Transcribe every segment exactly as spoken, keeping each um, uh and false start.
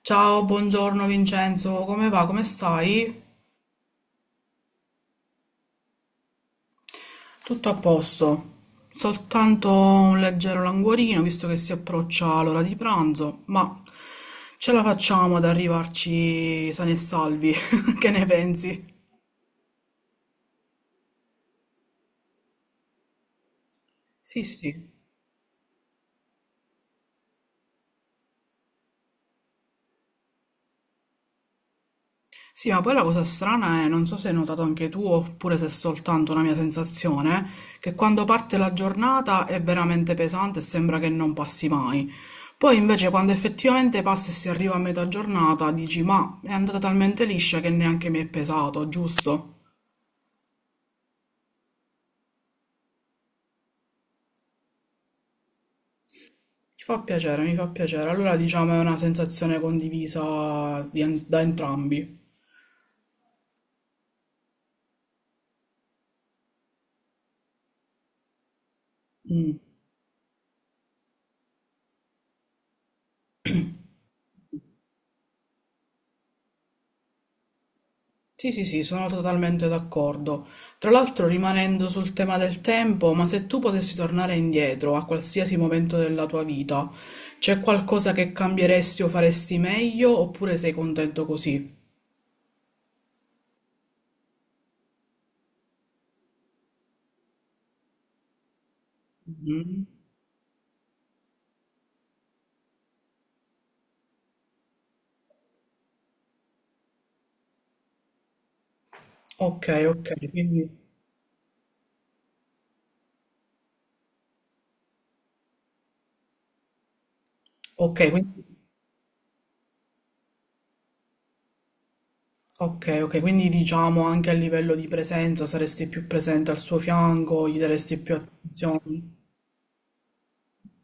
Ciao, buongiorno Vincenzo, come va? Come stai? Tutto a posto, soltanto un leggero languorino visto che si approccia l'ora di pranzo, ma ce la facciamo ad arrivarci sani e salvi, che ne pensi? Sì, sì. Sì, ma poi la cosa strana è, non so se hai notato anche tu oppure se è soltanto una mia sensazione, che quando parte la giornata è veramente pesante e sembra che non passi mai. Poi invece quando effettivamente passa e si arriva a metà giornata dici ma è andata talmente liscia che neanche mi è pesato, giusto? Mi fa piacere, mi fa piacere. Allora diciamo è una sensazione condivisa di en- da entrambi. Sì, sì, sì, sono totalmente d'accordo. Tra l'altro, rimanendo sul tema del tempo, ma se tu potessi tornare indietro a qualsiasi momento della tua vita, c'è qualcosa che cambieresti o faresti meglio oppure sei contento così? Ok, ok, quindi, ok, quindi, ok, ok, quindi diciamo anche a livello di presenza saresti più presente al suo fianco, gli daresti più attenzione.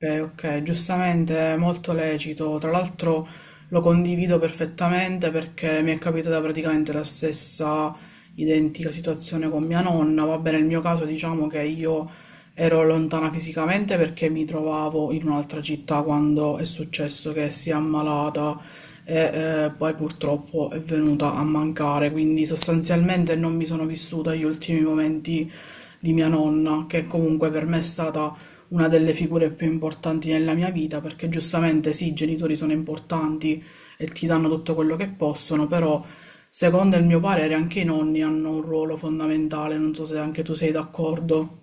Ok, ok, giustamente, è molto lecito. Tra l'altro lo condivido perfettamente perché mi è capitata praticamente la stessa identica situazione con mia nonna. Vabbè, nel mio caso diciamo che io ero lontana fisicamente perché mi trovavo in un'altra città quando è successo che si è ammalata e eh, poi purtroppo è venuta a mancare. Quindi sostanzialmente non mi sono vissuta gli ultimi momenti di mia nonna, che comunque per me è stata una delle figure più importanti nella mia vita, perché giustamente sì, i genitori sono importanti e ti danno tutto quello che possono, però secondo il mio parere anche i nonni hanno un ruolo fondamentale, non so se anche tu sei d'accordo.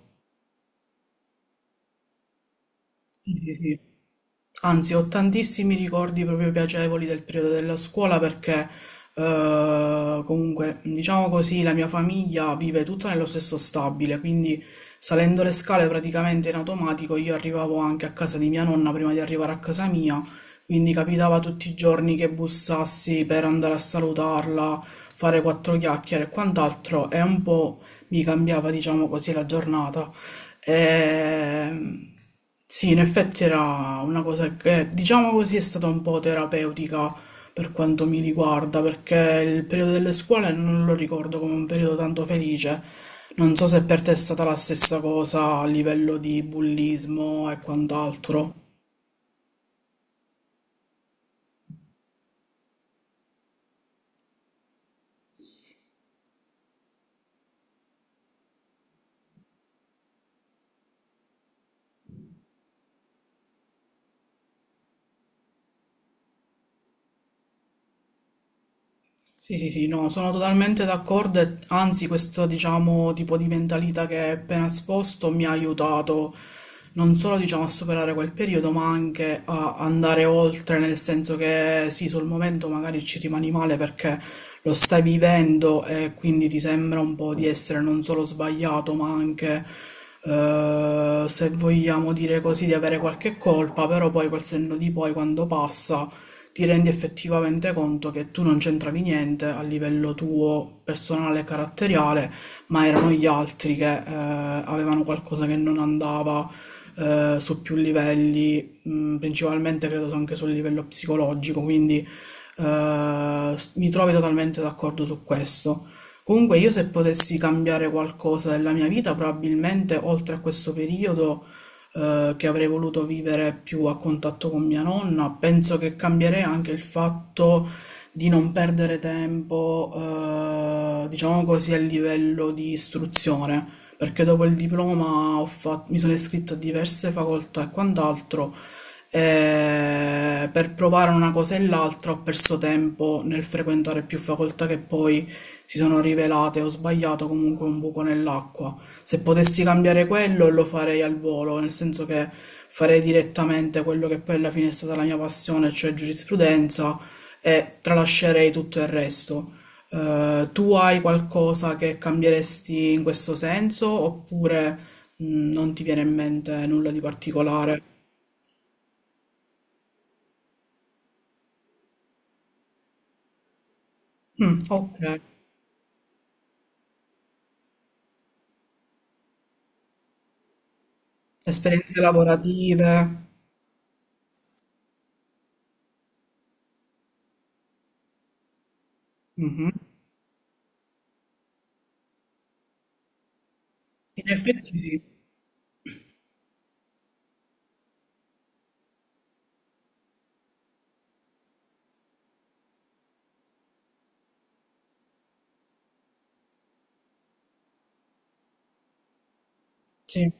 Sì, sì, sì. Anzi, ho tantissimi ricordi proprio piacevoli del periodo della scuola perché eh, comunque, diciamo così, la mia famiglia vive tutta nello stesso stabile, quindi salendo le scale praticamente in automatico io arrivavo anche a casa di mia nonna prima di arrivare a casa mia, quindi capitava tutti i giorni che bussassi per andare a salutarla, fare quattro chiacchiere e quant'altro e un po' mi cambiava, diciamo così, la giornata. Ehm, sì, in effetti era una cosa che, diciamo così, è stata un po' terapeutica per quanto mi riguarda, perché il periodo delle scuole non lo ricordo come un periodo tanto felice. Non so se per te è stata la stessa cosa a livello di bullismo e quant'altro. Sì, sì, sì, no, sono totalmente d'accordo e anzi questo, diciamo, tipo di mentalità che hai appena esposto mi ha aiutato non solo, diciamo, a superare quel periodo, ma anche a andare oltre, nel senso che sì, sul momento magari ci rimani male perché lo stai vivendo e quindi ti sembra un po' di essere non solo sbagliato, ma anche, eh, se vogliamo dire così, di avere qualche colpa, però poi col senno di poi, quando passa ti rendi effettivamente conto che tu non c'entravi niente a livello tuo personale e caratteriale, ma erano gli altri che eh, avevano qualcosa che non andava eh, su più livelli, mh, principalmente credo anche sul livello psicologico, quindi eh, mi trovi totalmente d'accordo su questo. Comunque io se potessi cambiare qualcosa della mia vita, probabilmente oltre a questo periodo eh, che avrei voluto vivere più a contatto con mia nonna. Penso che cambierei anche il fatto di non perdere tempo, eh, diciamo così, a livello di istruzione, perché dopo il diploma ho fatto- mi sono iscritta a diverse facoltà e quant'altro. E per provare una cosa e l'altra ho perso tempo nel frequentare più facoltà che poi si sono rivelate ho sbagliato comunque un buco nell'acqua. Se potessi cambiare quello lo farei al volo, nel senso che farei direttamente quello che poi alla fine è stata la mia passione, cioè giurisprudenza, e tralascerei tutto il resto. Eh, tu hai qualcosa che cambieresti in questo senso oppure mh, non ti viene in mente nulla di particolare? Mm, ok, esperienze lavorative. Mhm. In effetti sì, sì,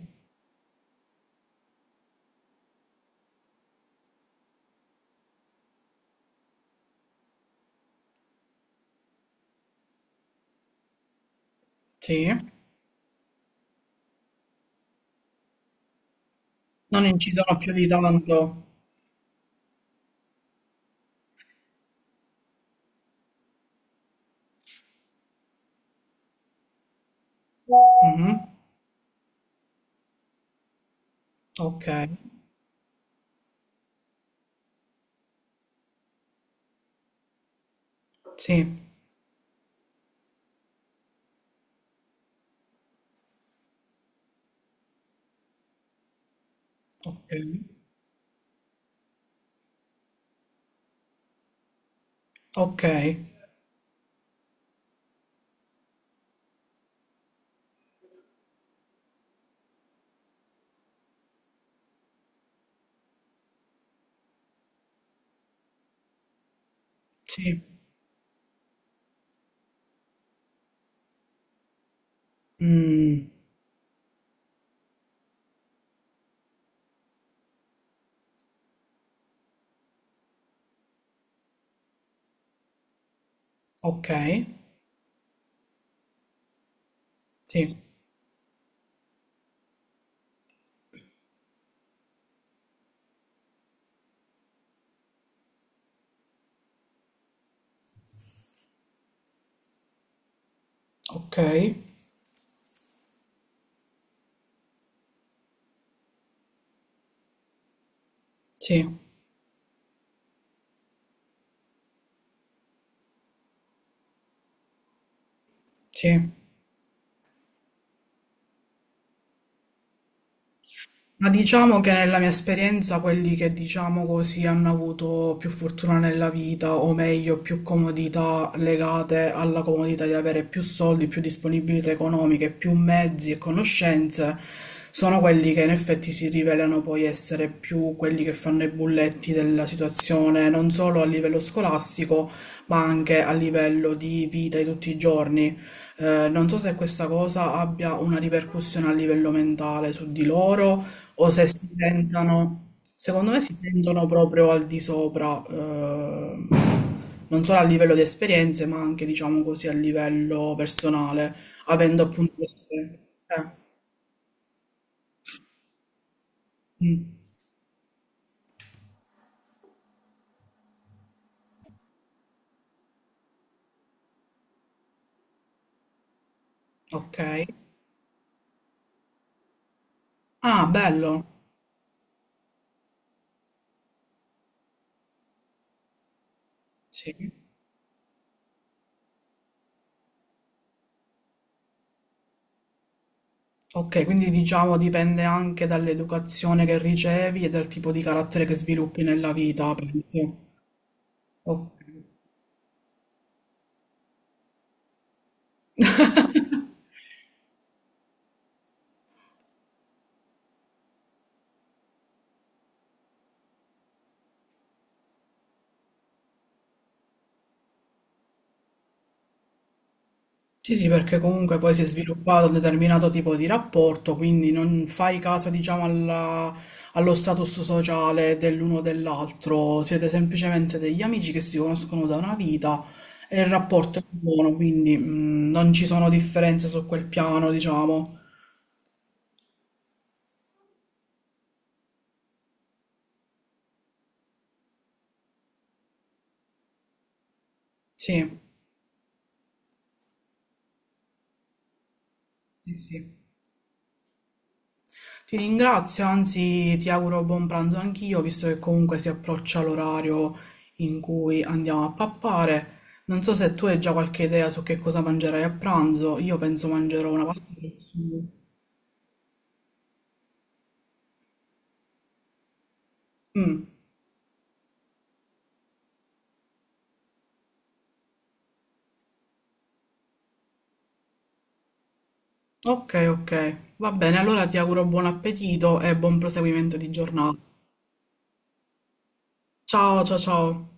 sì. Non incidono più di tanto. Mhm. Ok, sì, ok, ok, sì, Mm. Ok, sì, ok, sì, sì. Ma diciamo che nella mia esperienza quelli che diciamo così hanno avuto più fortuna nella vita, o meglio, più comodità legate alla comodità di avere più soldi, più disponibilità economiche, più mezzi e conoscenze, sono quelli che in effetti si rivelano poi essere più quelli che fanno i bulletti della situazione, non solo a livello scolastico, ma anche a livello di vita di tutti i giorni. Eh, non so se questa cosa abbia una ripercussione a livello mentale su di loro o se si sentono, secondo me si sentono proprio al di sopra, ehm, non solo a livello di esperienze, ma anche, diciamo così, a livello personale, avendo appunto queste... eh, mm, ok. Ah, bello. Sì. Ok, quindi diciamo dipende anche dall'educazione che ricevi e dal tipo di carattere che sviluppi nella vita, penso. Ok. Sì, sì, perché comunque poi si è sviluppato un determinato tipo di rapporto, quindi non fai caso, diciamo, alla- allo status sociale dell'uno o dell'altro, siete semplicemente degli amici che si conoscono da una vita e il rapporto è buono, quindi mm, non ci sono differenze su quel piano, diciamo. Sì, sì, sì. Ti ringrazio, anzi ti auguro buon pranzo anch'io, visto che comunque si approccia l'orario in cui andiamo a pappare. Non so se tu hai già qualche idea su che cosa mangerai a pranzo, io penso mangerò una pasta col sugo. Mm, ok, ok, va bene, allora ti auguro buon appetito e buon proseguimento di giornata. Ciao, ciao, ciao.